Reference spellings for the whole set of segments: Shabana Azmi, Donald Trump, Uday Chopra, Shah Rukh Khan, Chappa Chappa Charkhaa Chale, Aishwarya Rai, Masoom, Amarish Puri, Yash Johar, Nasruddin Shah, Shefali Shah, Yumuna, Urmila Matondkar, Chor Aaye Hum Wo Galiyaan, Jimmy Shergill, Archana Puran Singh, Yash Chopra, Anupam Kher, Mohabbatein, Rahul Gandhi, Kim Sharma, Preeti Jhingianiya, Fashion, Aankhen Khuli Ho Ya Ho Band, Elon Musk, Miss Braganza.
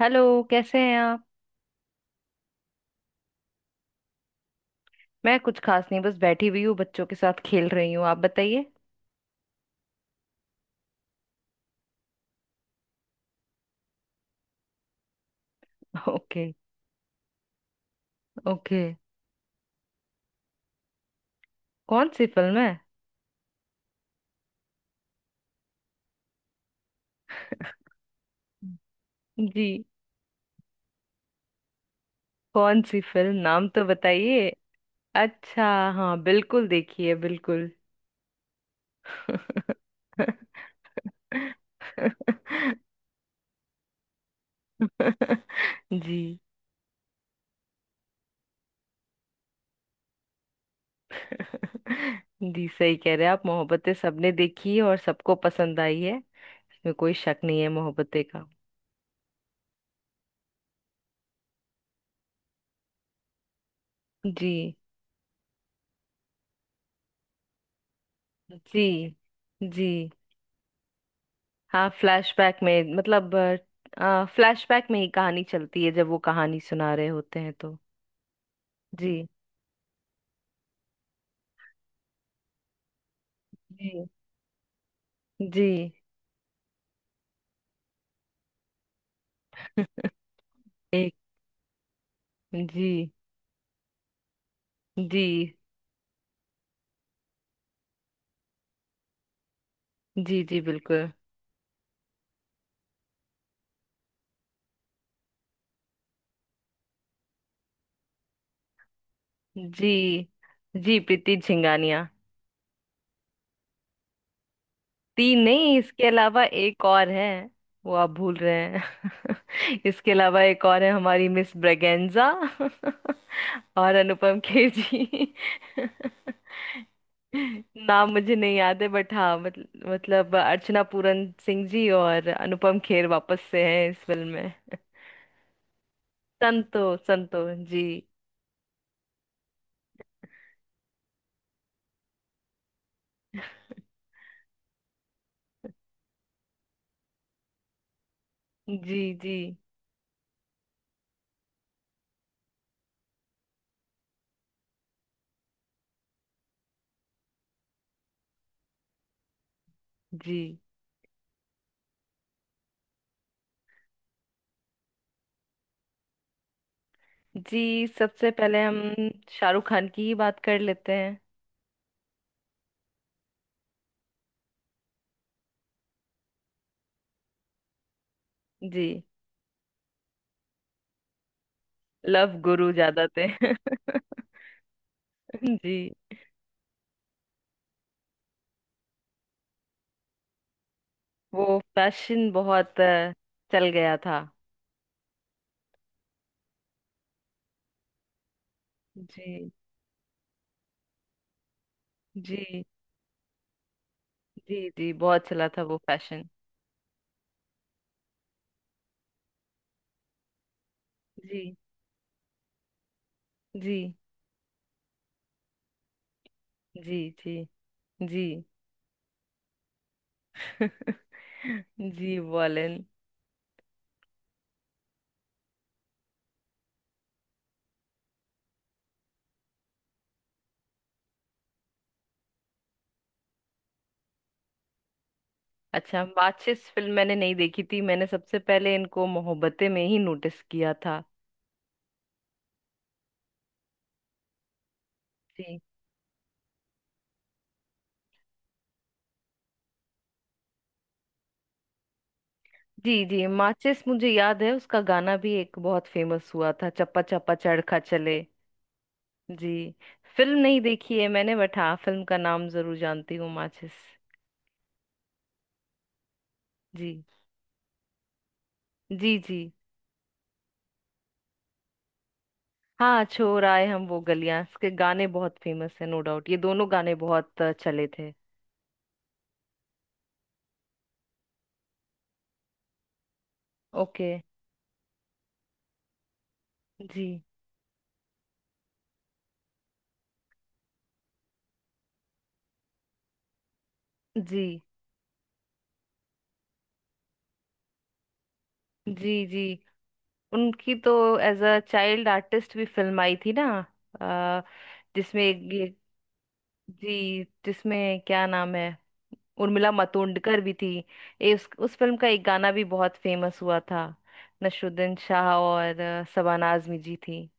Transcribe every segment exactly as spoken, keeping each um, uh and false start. Hello. कैसे हैं आप? मैं कुछ खास नहीं, बस बैठी हुई हूँ, बच्चों के साथ खेल रही हूँ। आप बताइए। ओके। ओके। कौन सी फिल्म है? जी, कौन सी फिल्म, नाम तो बताइए। अच्छा। हाँ, बिल्कुल, देखिए बिल्कुल। जी। जी, सही कह रहे हैं आप। मोहब्बतें सबने देखी है और सबको पसंद आई है। इसमें कोई शक नहीं है मोहब्बतें का। जी, जी, जी। हाँ, फ्लैशबैक में, मतलब फ्लैशबैक में ही कहानी चलती है, जब वो कहानी सुना रहे होते हैं तो। जी, जी, जी। एक। जी, जी, जी, जी बिल्कुल। जी, जी, प्रीति झिंगानिया। तीन नहीं, इसके अलावा एक और है, वो आप भूल रहे हैं। इसके अलावा एक और है, हमारी मिस ब्रेगेंजा और अनुपम खेर जी। नाम मुझे नहीं याद है, बट हाँ, मत, मतलब अर्चना पूरन सिंह जी और अनुपम खेर वापस से हैं इस फिल्म में। संतो, संतो। जी, जी, जी, जी, जी। सबसे पहले हम शाहरुख खान की ही बात कर लेते हैं। जी, लव गुरु ज्यादा थे जी, वो फैशन बहुत अ, चल गया था। जी, जी, जी। जी बहुत चला था वो फैशन। जी, जी, जी, जी, जी। जी, वॉलेन। अच्छा, माचिस फिल्म मैंने नहीं देखी थी। मैंने सबसे पहले इनको मोहब्बतें में ही नोटिस किया था। जी। जी, जी, माचिस मुझे याद है। उसका गाना भी एक बहुत फेमस हुआ था, चप्पा चप्पा चरखा चले। जी, फिल्म नहीं देखी है मैंने, बट हाँ, फिल्म का नाम जरूर जानती हूँ, माचिस। जी, जी। जी, हाँ, छोर आए हम वो गलियां, इसके गाने बहुत फेमस है, नो डाउट, ये दोनों गाने बहुत अ, चले थे। ओके। जी, जी, जी। जी, उनकी तो एज अ चाइल्ड आर्टिस्ट भी फिल्म आई थी ना? अ, जिसमें एक ये। जी, जिसमें क्या नाम है, उर्मिला मातोंडकर भी थी। ए, उस उस फिल्म का एक गाना भी बहुत फेमस हुआ था। नसरुद्दीन शाह और अ, शबाना आजमी जी थी।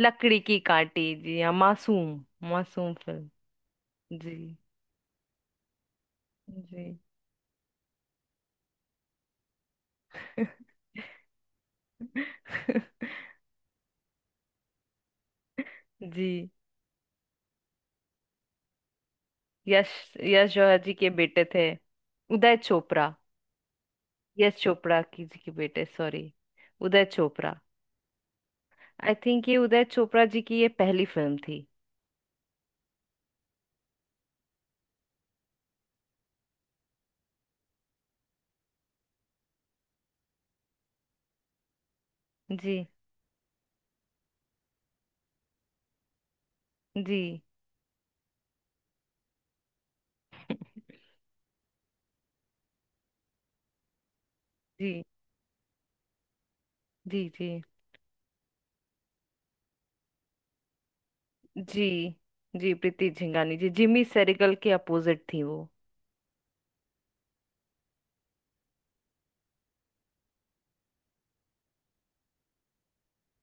लकड़ी की कांटी, जी हाँ, मासूम। मासूम फिल्म। जी। जी। जी। यश, यश जौहर जी के बेटे थे। उदय चोपड़ा। यश चोपड़ा की जी के बेटे, sorry, Uday Chopra. I think ये उदय चोपड़ा जी की ये पहली फिल्म थी। जी, जी, जी, जी, जी, जी, जी। प्रीति झिंगानी जी जिमी सेरिगल के अपोजिट थी वो।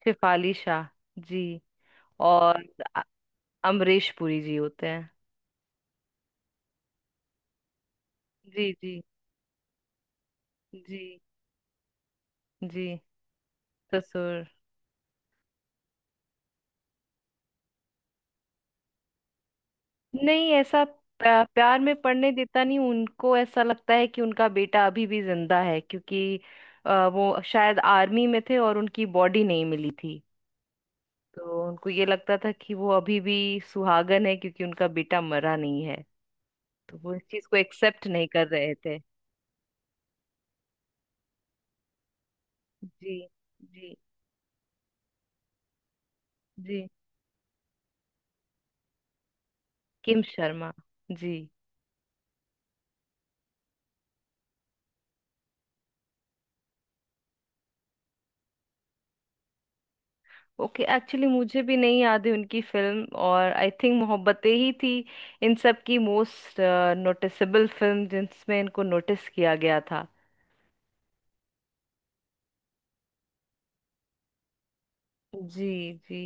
शेफाली शाह जी। और अ- अमरीश पुरी जी होते हैं। जी, जी, जी, जी ससुर। नहीं, ऐसा प्या- प्यार में पड़ने देता नहीं। उनको ऐसा लगता है कि उनका बेटा अभी भी जिंदा है, क्योंकि अ, वो शायद आर्मी में थे और उनकी बॉडी नहीं मिली थी। तो उनको ये लगता था कि वो अभी भी सुहागन है, क्योंकि उनका बेटा मरा नहीं है। तो वो इस चीज को एक्सेप्ट नहीं कर रहे थे। जी, जी, जी। किम शर्मा। जी। ओके, एक्चुअली मुझे भी नहीं याद है उनकी फिल्म, और आई थिंक मोहब्बतें ही थी। इन सब की मोस्ट नोटिसेबल फिल्म जिसमें इनको नोटिस किया गया था। जी, जी।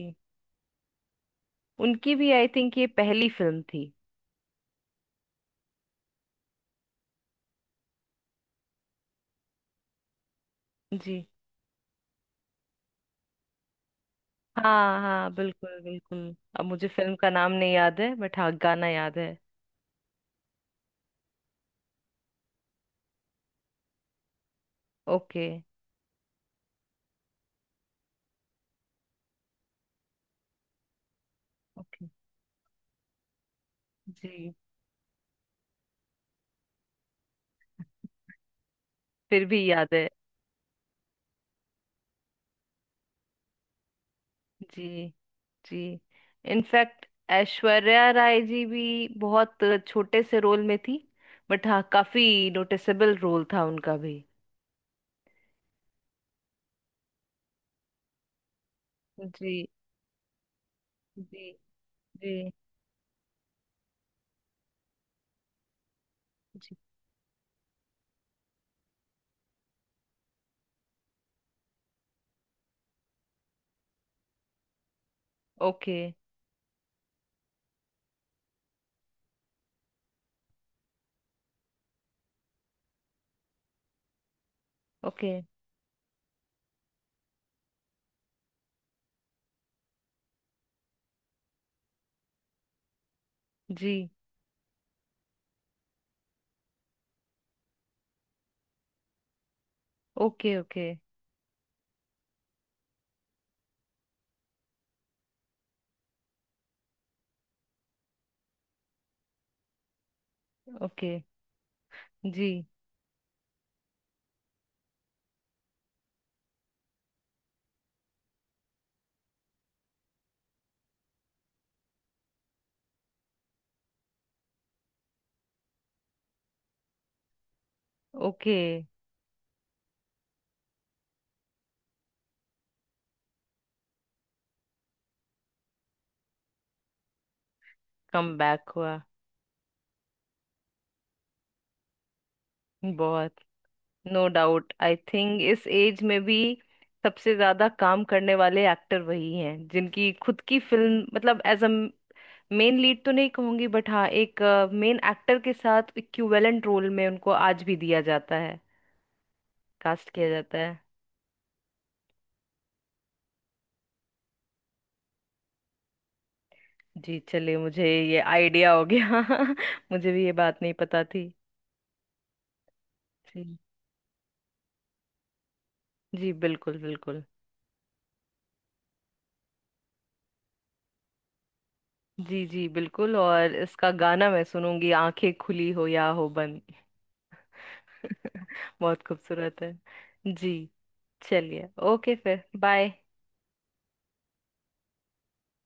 उनकी भी आई थिंक ये पहली फिल्म थी। जी। हाँ, हाँ, बिल्कुल, बिल्कुल। अब मुझे फिल्म का नाम नहीं याद है, बट हाँ, गाना याद है। ओके। ओके। जी। फिर भी याद है। जी, जी। इनफैक्ट ऐश्वर्या राय जी भी बहुत छोटे से रोल में थी, बट हाँ, काफी नोटिसेबल रोल था उनका भी। जी, जी, जी, जी। ओके। ओके। जी। ओके। ओके। ओके। जी। ओके। कम बैक हुआ। बहुत। नो डाउट आई थिंक इस एज में भी सबसे ज्यादा काम करने वाले एक्टर वही हैं, जिनकी खुद की फिल्म मतलब एज अ मेन लीड तो नहीं कहूंगी, बट हाँ, एक मेन एक्टर के साथ इक्विवेलेंट रोल में उनको आज भी दिया जाता है, कास्ट किया जाता है। जी, चलिए, मुझे ये आइडिया हो गया। मुझे भी ये बात नहीं पता थी। जी, जी, बिल्कुल, बिल्कुल। जी, जी, बिल्कुल, और इसका गाना मैं सुनूंगी, आंखें खुली हो या हो बंद। बहुत खूबसूरत है। जी, चलिए, ओके, फिर बाय।